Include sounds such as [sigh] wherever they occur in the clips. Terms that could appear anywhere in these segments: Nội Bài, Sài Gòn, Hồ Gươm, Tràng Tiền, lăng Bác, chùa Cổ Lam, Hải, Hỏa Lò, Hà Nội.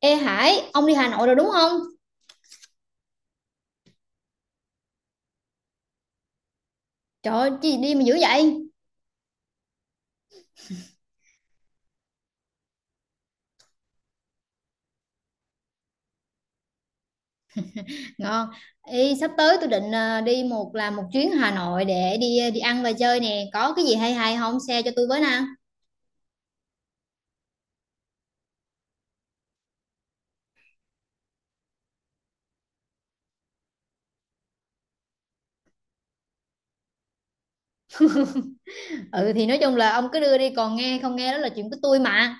Ê Hải, ông đi Hà Nội rồi đúng không? Trời ơi, chi đi mà dữ vậy? Ngon. Ê, sắp tới tôi định đi một làm một chuyến Hà Nội để đi đi ăn và chơi nè. Có cái gì hay hay không? Share cho tôi với nè. Ừ thì nói chung là ông cứ đưa đi còn nghe không nghe đó là chuyện của tôi mà.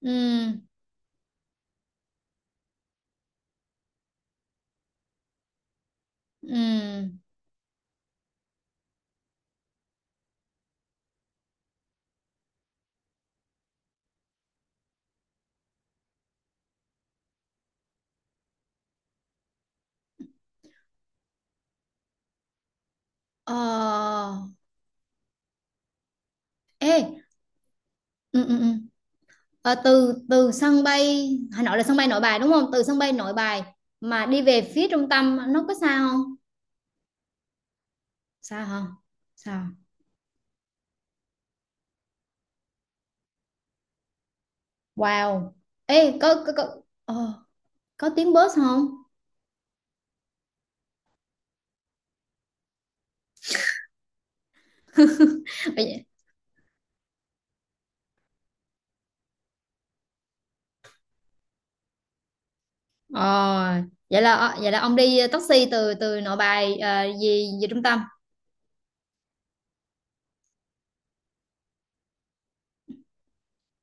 Ừ ừ. Ờ ê ừ ừ ừ. Ờ, từ từ sân bay Hà Nội là sân bay Nội Bài đúng không? Từ sân bay Nội Bài mà đi về phía trung tâm nó có xa không? Xa hả? Sao? Wow. Ê, có có ờ, có tiếng bus không? Vậy- Ờ, vậy là vậy là ông đi taxi từ từ Nội Bài về về trung tâm.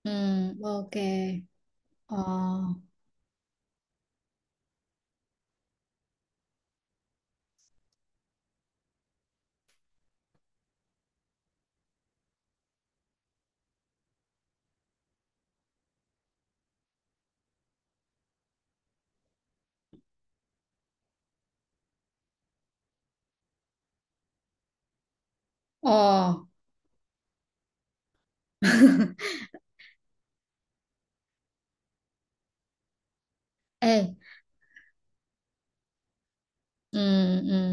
Ừ, ok. Ờ. Ờ. [laughs] Ê, ừ, ừ.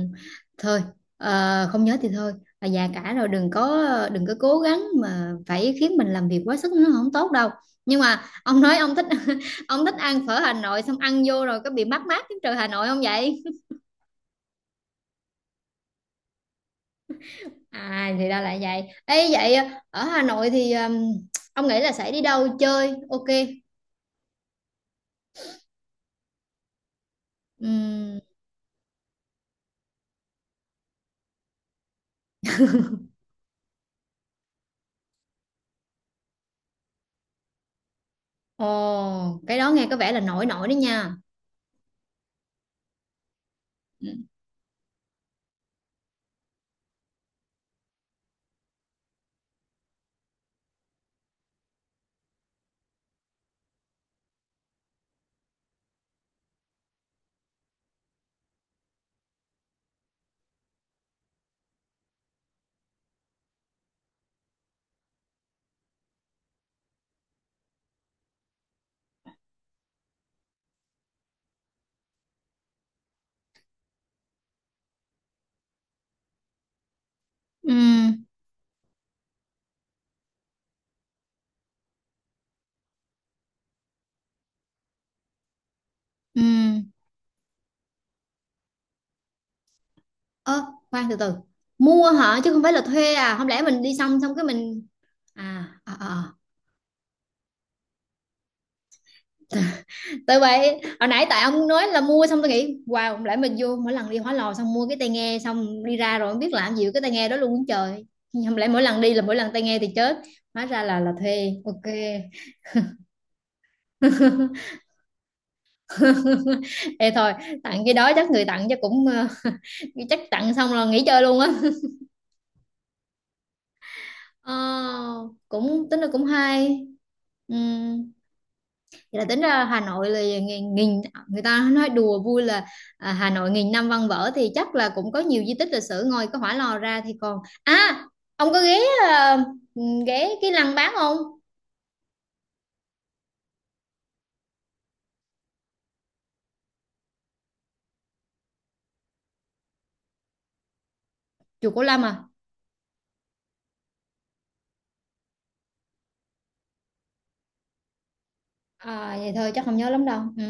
Thôi, không nhớ thì thôi. Và già cả rồi đừng có đừng có cố gắng mà phải khiến mình làm việc quá sức nó không tốt đâu. Nhưng mà ông nói ông thích [laughs] ông thích ăn phở Hà Nội xong ăn vô rồi có bị mắc mát cái trời Hà Nội không vậy? À thì ra là vậy. Ê vậy ở Hà Nội thì ông nghĩ là sẽ đi đâu chơi? Ok. Ừm, Ồ, cái đó nghe có vẻ là nổi nổi đấy nha. Ừm, ừm. Ơ, khoan từ từ. Mua hả chứ không phải là thuê à? Không lẽ mình đi xong xong cái mình à à à. À. Tại vậy hồi nãy tại ông nói là mua xong tôi nghĩ wow không lẽ mình vô mỗi lần đi Hóa Lò xong mua cái tai nghe xong đi ra rồi không biết làm gì với cái tai nghe đó luôn trời, không lẽ mỗi lần đi là mỗi lần tai nghe thì chết, hóa ra là thuê ok. [laughs] Ê thôi, tặng cái đó chắc người tặng chắc cũng [laughs] chắc tặng xong là nghỉ chơi luôn á. Ờ, cũng tính là cũng hay ừ. Thì là tính ra Hà Nội là nghìn, nghìn người ta nói đùa vui là à, Hà Nội nghìn năm văn vở thì chắc là cũng có nhiều di tích lịch sử ngoài cái Hỏa Lò ra thì còn à ông có ghé à, ghé cái lăng Bác không? Chùa Cổ Lam à? À vậy thôi chắc không nhớ lắm đâu ừ.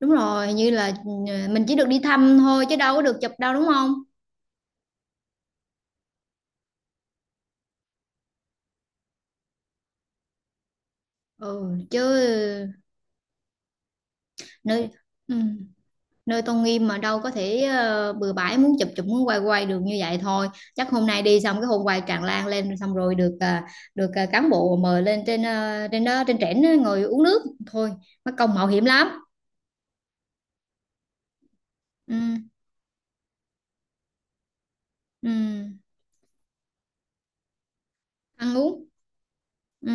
Đúng rồi, như là ừ, mình chỉ được đi thăm thôi chứ đâu có được chụp đâu đúng không? Ừ chứ nơi ừ. Nơi tôn nghiêm mà đâu có thể bừa bãi muốn chụp chụp muốn quay quay được như vậy thôi, chắc hôm nay đi xong cái hôm quay tràn lan lên xong rồi được được cán bộ mời lên trên trên đó trên trển á, ngồi uống nước thôi, mất công mạo hiểm lắm. Ừ, ừ, ăn uống ừ.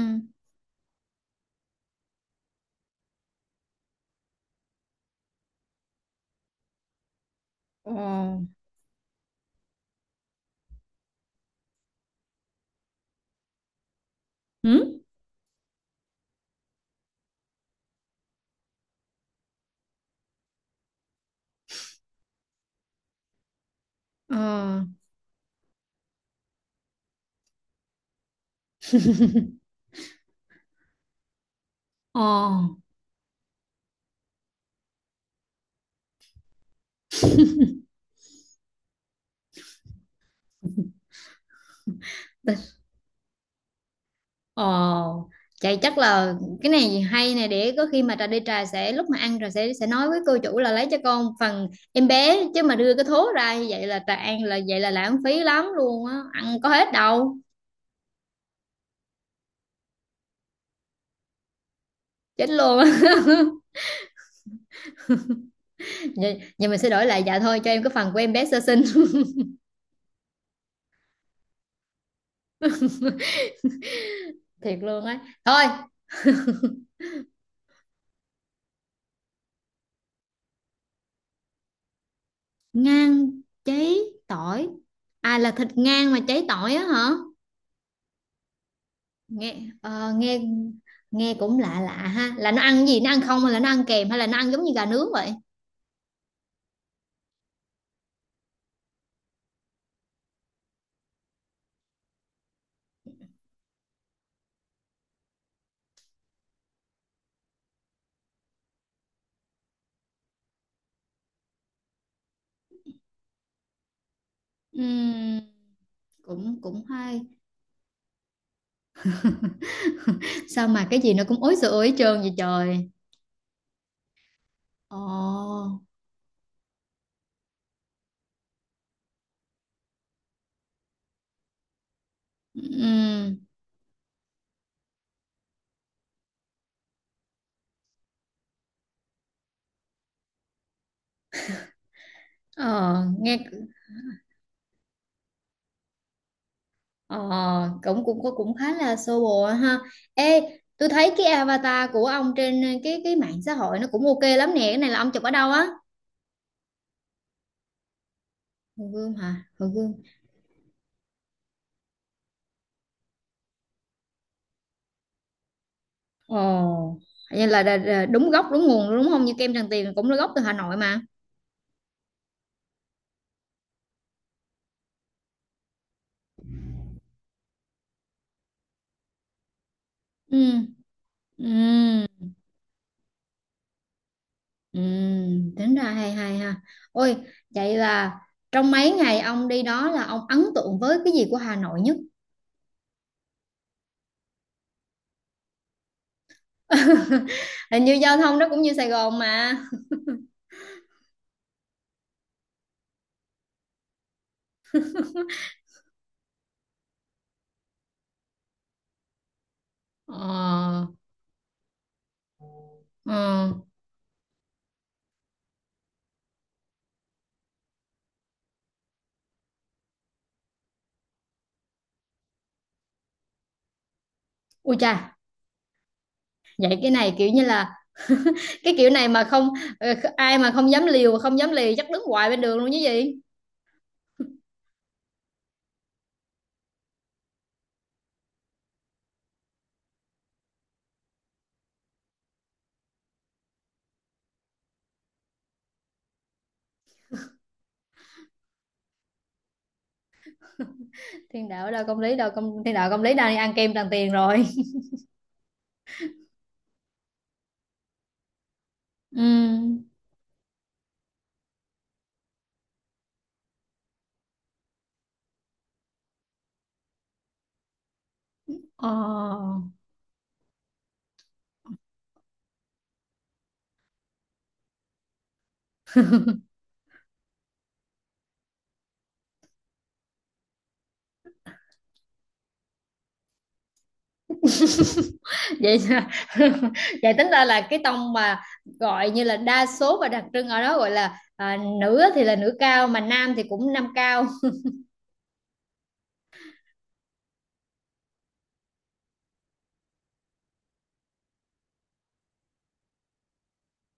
Ờ. Ừ? Ờ. Ờ. Ồ, chạy chắc là cái này hay nè để có khi mà trà đi trà sẽ lúc mà ăn trà sẽ nói với cô chủ là lấy cho con phần em bé chứ mà đưa cái thố ra như vậy là trà ăn là vậy là lãng phí lắm luôn á, ăn có hết đâu, chết luôn. Á. [laughs] Vậy, vậy mình sẽ đổi lại dạ thôi cho em cái phần của em bé sơ sinh. [laughs] Thiệt luôn á. Thôi, ngang cháy tỏi. À là thịt ngang mà cháy tỏi á hả? Nghe nghe nghe cũng lạ lạ ha, là nó ăn gì nó ăn không hay là nó ăn kèm hay là nó ăn giống như gà nướng vậy? Ừm, cũng cũng hay. Sao mà cái gì nó cũng ối sửa ối trơn vậy trời? Ồ, ừm, ờ, nghe ờ, cũng cũng cũng cũng khá là sơ bộ ha. Ê, tôi thấy cái avatar của ông trên cái mạng xã hội nó cũng ok lắm nè. Cái này là ông chụp ở đâu á? Hồ Gươm hả? Hồ Gươm. Ồ, vậy là đúng gốc đúng nguồn luôn đúng không? Như kem Tràng Tiền cũng là gốc từ Hà Nội mà. Ừ. Ừ. Ừ, tính ra hay hay ha. Ôi, vậy là trong mấy ngày ông đi đó là ông ấn tượng với cái gì của Hà Nội nhất? [laughs] Hình như giao thông nó cũng như Sài Gòn mà. Ờ, ờ. Ui cha, vậy cái này kiểu như là cái kiểu này mà không ờ, ai mà không dám liều không dám lì chắc đứng hoài bên đường luôn chứ gì? Thiên đạo đâu công lý đâu công thiên đạo công lý đang đi ăn kem Tràng Tiền rồi. Ừ. Ờ. Vậy là- [laughs] vậy tính ra là cái tông mà gọi như là đa số và đặc trưng ở đó gọi là à, nữ thì là nữ cao mà nam thì cũng nam cao.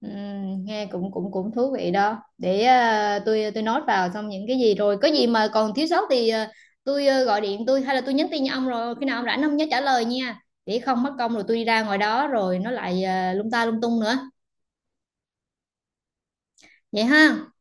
Ừ, nghe cũng cũng cũng thú vị đó, để à, tôi nốt vào xong những cái gì rồi có gì mà còn thiếu sót thì à, tôi à, gọi điện tôi hay là tôi nhắn tin cho ông rồi khi nào ông rảnh ông nhớ trả lời nha, để không mất công rồi tôi đi ra ngoài đó rồi nó lại à, lung ta lung tung nữa, vậy ha.